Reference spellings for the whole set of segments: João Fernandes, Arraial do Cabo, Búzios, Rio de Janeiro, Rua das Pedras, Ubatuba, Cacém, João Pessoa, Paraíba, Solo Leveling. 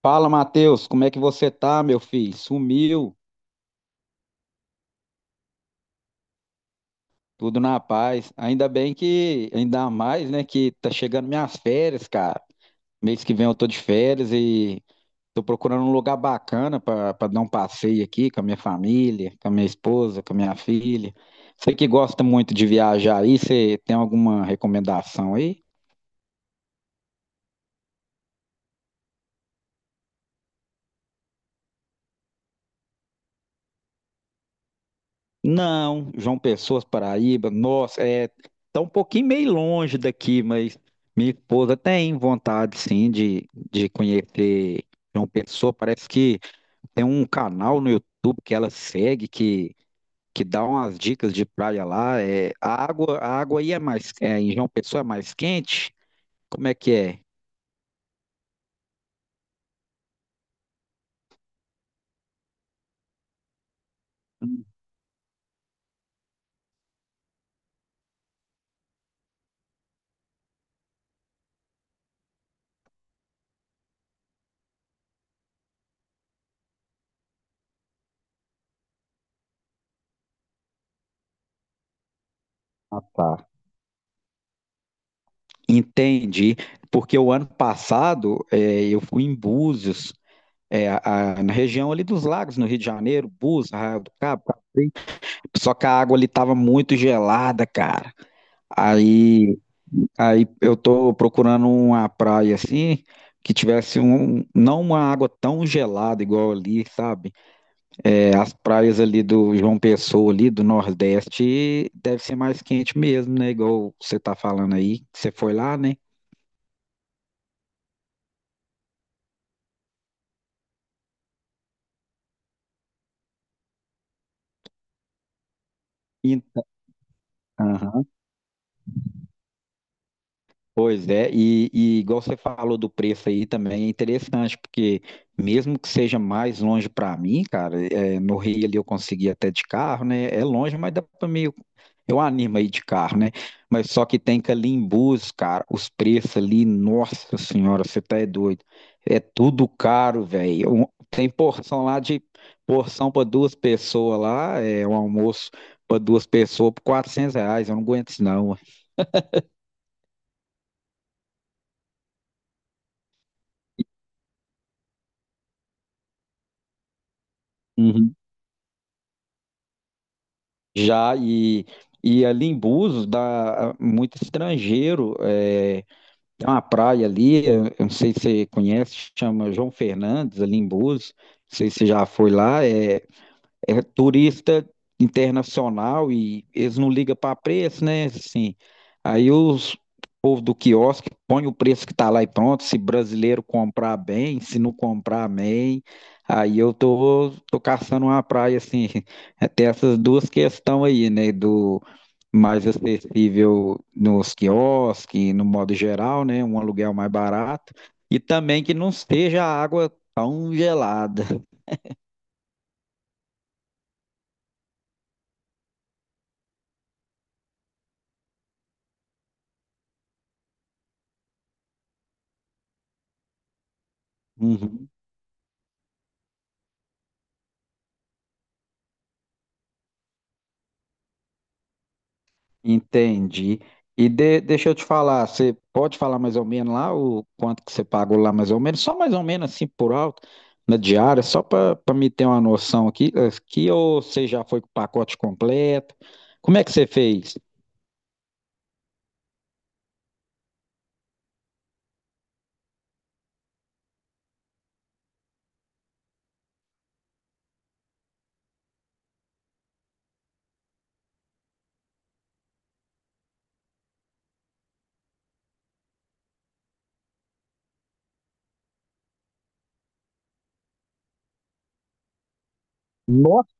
Fala, Matheus, como é que você tá, meu filho? Sumiu, tudo na paz. Ainda bem que, ainda mais, né, que tá chegando minhas férias, cara. Mês que vem eu tô de férias e tô procurando um lugar bacana pra dar um passeio aqui com a minha família, com a minha esposa, com a minha filha. Você que gosta muito de viajar aí, você tem alguma recomendação aí? Não, João Pessoa, Paraíba, nossa, tá um pouquinho meio longe daqui, mas minha esposa tem vontade, sim, de conhecer João Pessoa. Parece que tem um canal no YouTube que ela segue, que dá umas dicas de praia lá. É, a água aí é mais, em João Pessoa é mais quente? Como é que é? Hum. Ah, tá. Entendi, porque o ano passado, eu fui em Búzios. Na região ali dos lagos, no Rio de Janeiro, Búzios, Arraial do Cabo, Cacém. Só que a água ali tava muito gelada, cara. Aí, aí, eu tô procurando uma praia assim, que tivesse um, não uma água tão gelada igual ali, sabe? É, as praias ali do João Pessoa, ali do Nordeste, deve ser mais quente mesmo, né? Igual você tá falando aí, que você foi lá, né? Então, pois é, e igual você falou do preço aí também é interessante, porque mesmo que seja mais longe para mim, cara, no Rio ali eu consegui até de carro, né? É longe, mas dá para meio. Eu animo aí de carro, né? Mas só que tem que ali em Búzios, cara, os preços ali, nossa senhora, você tá é doido. É tudo caro, velho. Tem porção lá de porção para duas pessoas lá, é um almoço para duas pessoas por R$ 400, eu não aguento isso não. Já, e ali em Búzios dá muito estrangeiro. Tem uma praia ali, eu não sei se você conhece, chama João Fernandes, ali em Búzios. Não sei se você já foi lá. É, turista internacional e eles não ligam para preço, né? Assim, aí os povo do quiosque põe o preço que tá lá e pronto. Se brasileiro comprar bem, se não comprar bem, aí eu tô, caçando uma praia assim. Tem essas duas questões aí, né? Do mais acessível nos quiosques, no modo geral, né? Um aluguel mais barato. E também que não esteja a água tão gelada. Uhum. Entendi. E deixa eu te falar, você pode falar mais ou menos lá o quanto que você pagou lá mais ou menos? Só mais ou menos assim por alto, na diária, só para me ter uma noção aqui, ou você já foi com o pacote completo? Como é que você fez? Nossa.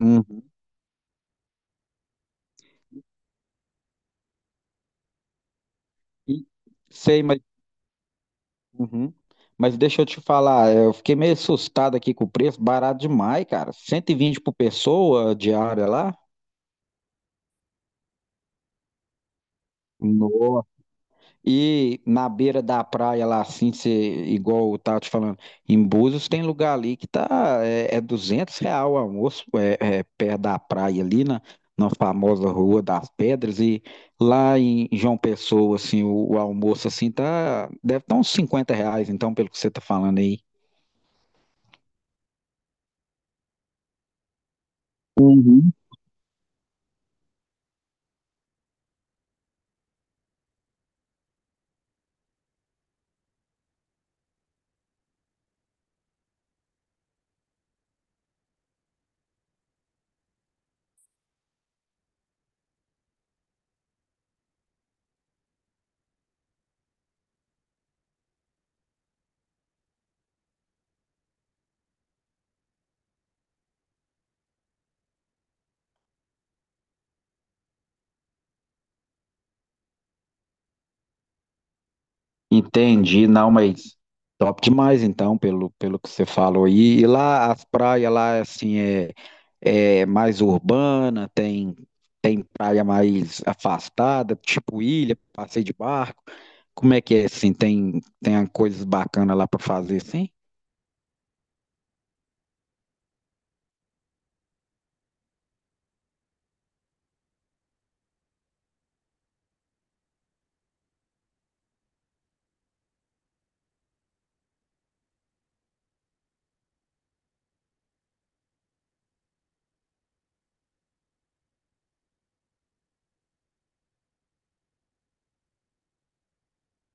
Uhum. E- Sei, mas, uhum. Mas deixa eu te falar, eu fiquei meio assustado aqui com o preço, barato demais, cara. 120 por pessoa diária lá? Nossa. E na beira da praia lá, assim, você, igual eu tava te falando, em Búzios tem lugar ali que tá, é, 200 real o almoço, é, perto da praia ali, na famosa Rua das Pedras, e lá em João Pessoa, assim, o almoço, assim, tá, deve estar uns R$ 50, então, pelo que você tá falando aí. Entendi, não, mas top demais então, pelo que você falou aí. E lá as praias lá assim é, mais urbana, tem praia mais afastada, tipo ilha, passeio de barco. Como é que é assim? Tem coisas bacanas lá para fazer assim?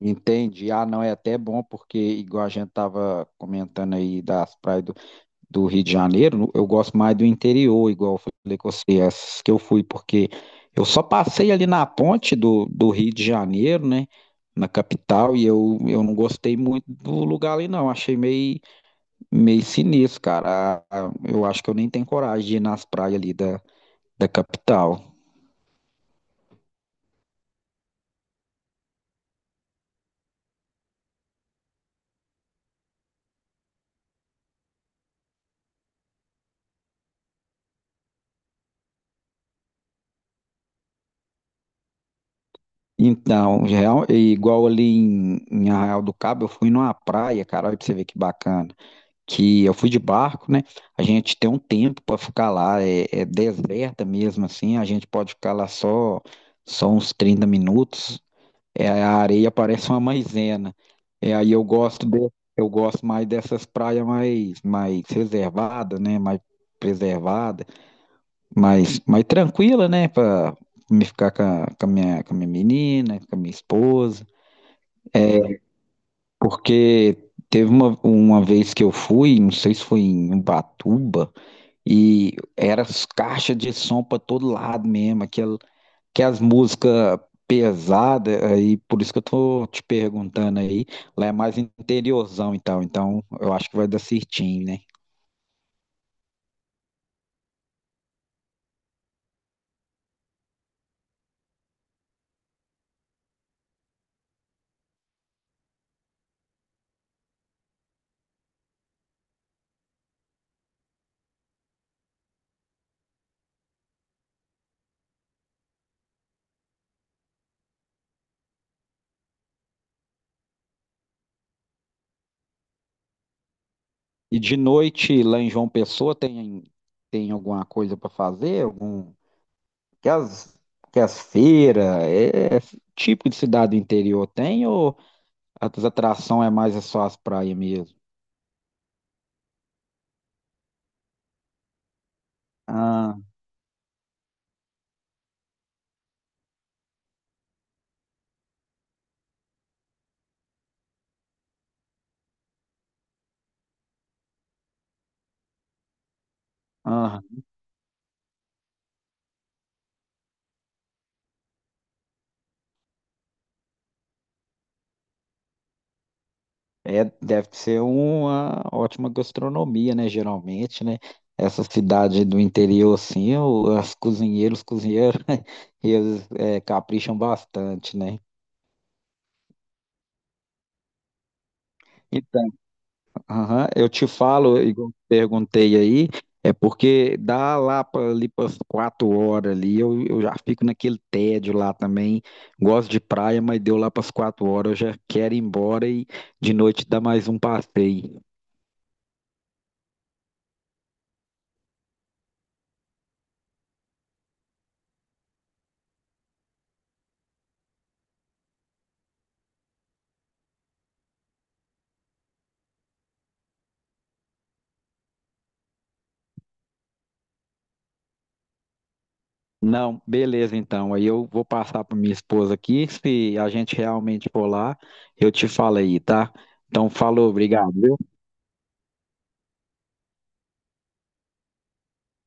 Entendi. Ah, não, é até bom porque igual a gente tava comentando aí das praias do Rio de Janeiro, eu gosto mais do interior, igual eu falei com você, essas que eu fui, porque eu só passei ali na ponte do Rio de Janeiro, né? Na capital, e eu não gostei muito do lugar ali, não. Achei meio sinistro, cara. Eu acho que eu nem tenho coragem de ir nas praias ali da capital. Então, igual ali em Arraial do Cabo, eu fui numa praia, cara, olha pra você ver que bacana. Que eu fui de barco, né? A gente tem um tempo para ficar lá, é, deserta mesmo assim, a gente pode ficar lá só uns 30 minutos, a areia parece uma maisena. É, aí eu gosto mais dessas praias mais reservadas, né? Mais preservada, mais tranquila, né? Para me ficar com a minha menina, com a minha esposa. É, porque teve uma vez que eu fui, não sei se foi em Ubatuba, e era as caixas de som para todo lado mesmo, aquelas músicas pesadas, aí por isso que eu tô te perguntando aí. Lá é mais interiorzão e tal, então eu acho que vai dar certinho, né? E de noite lá em João Pessoa tem, alguma coisa para fazer? Algum, que as, que as feiras, é, tipo de cidade do interior tem ou as atrações é mais só as praias mesmo? Ah, é, deve ser uma ótima gastronomia, né? Geralmente, né? Essa cidade do interior, assim, os cozinheiros, eles capricham bastante, né? Então, aham, eu te falo, igual eu perguntei aí, é porque dá lá para ali para 4 horas ali, eu já fico naquele tédio lá também. Gosto de praia, mas deu lá para as 4 horas, eu já quero ir embora e de noite dá mais um passeio. Não, beleza, então. Aí eu vou passar para minha esposa aqui. Se a gente realmente for lá, eu te falo aí, tá? Então, falou, obrigado.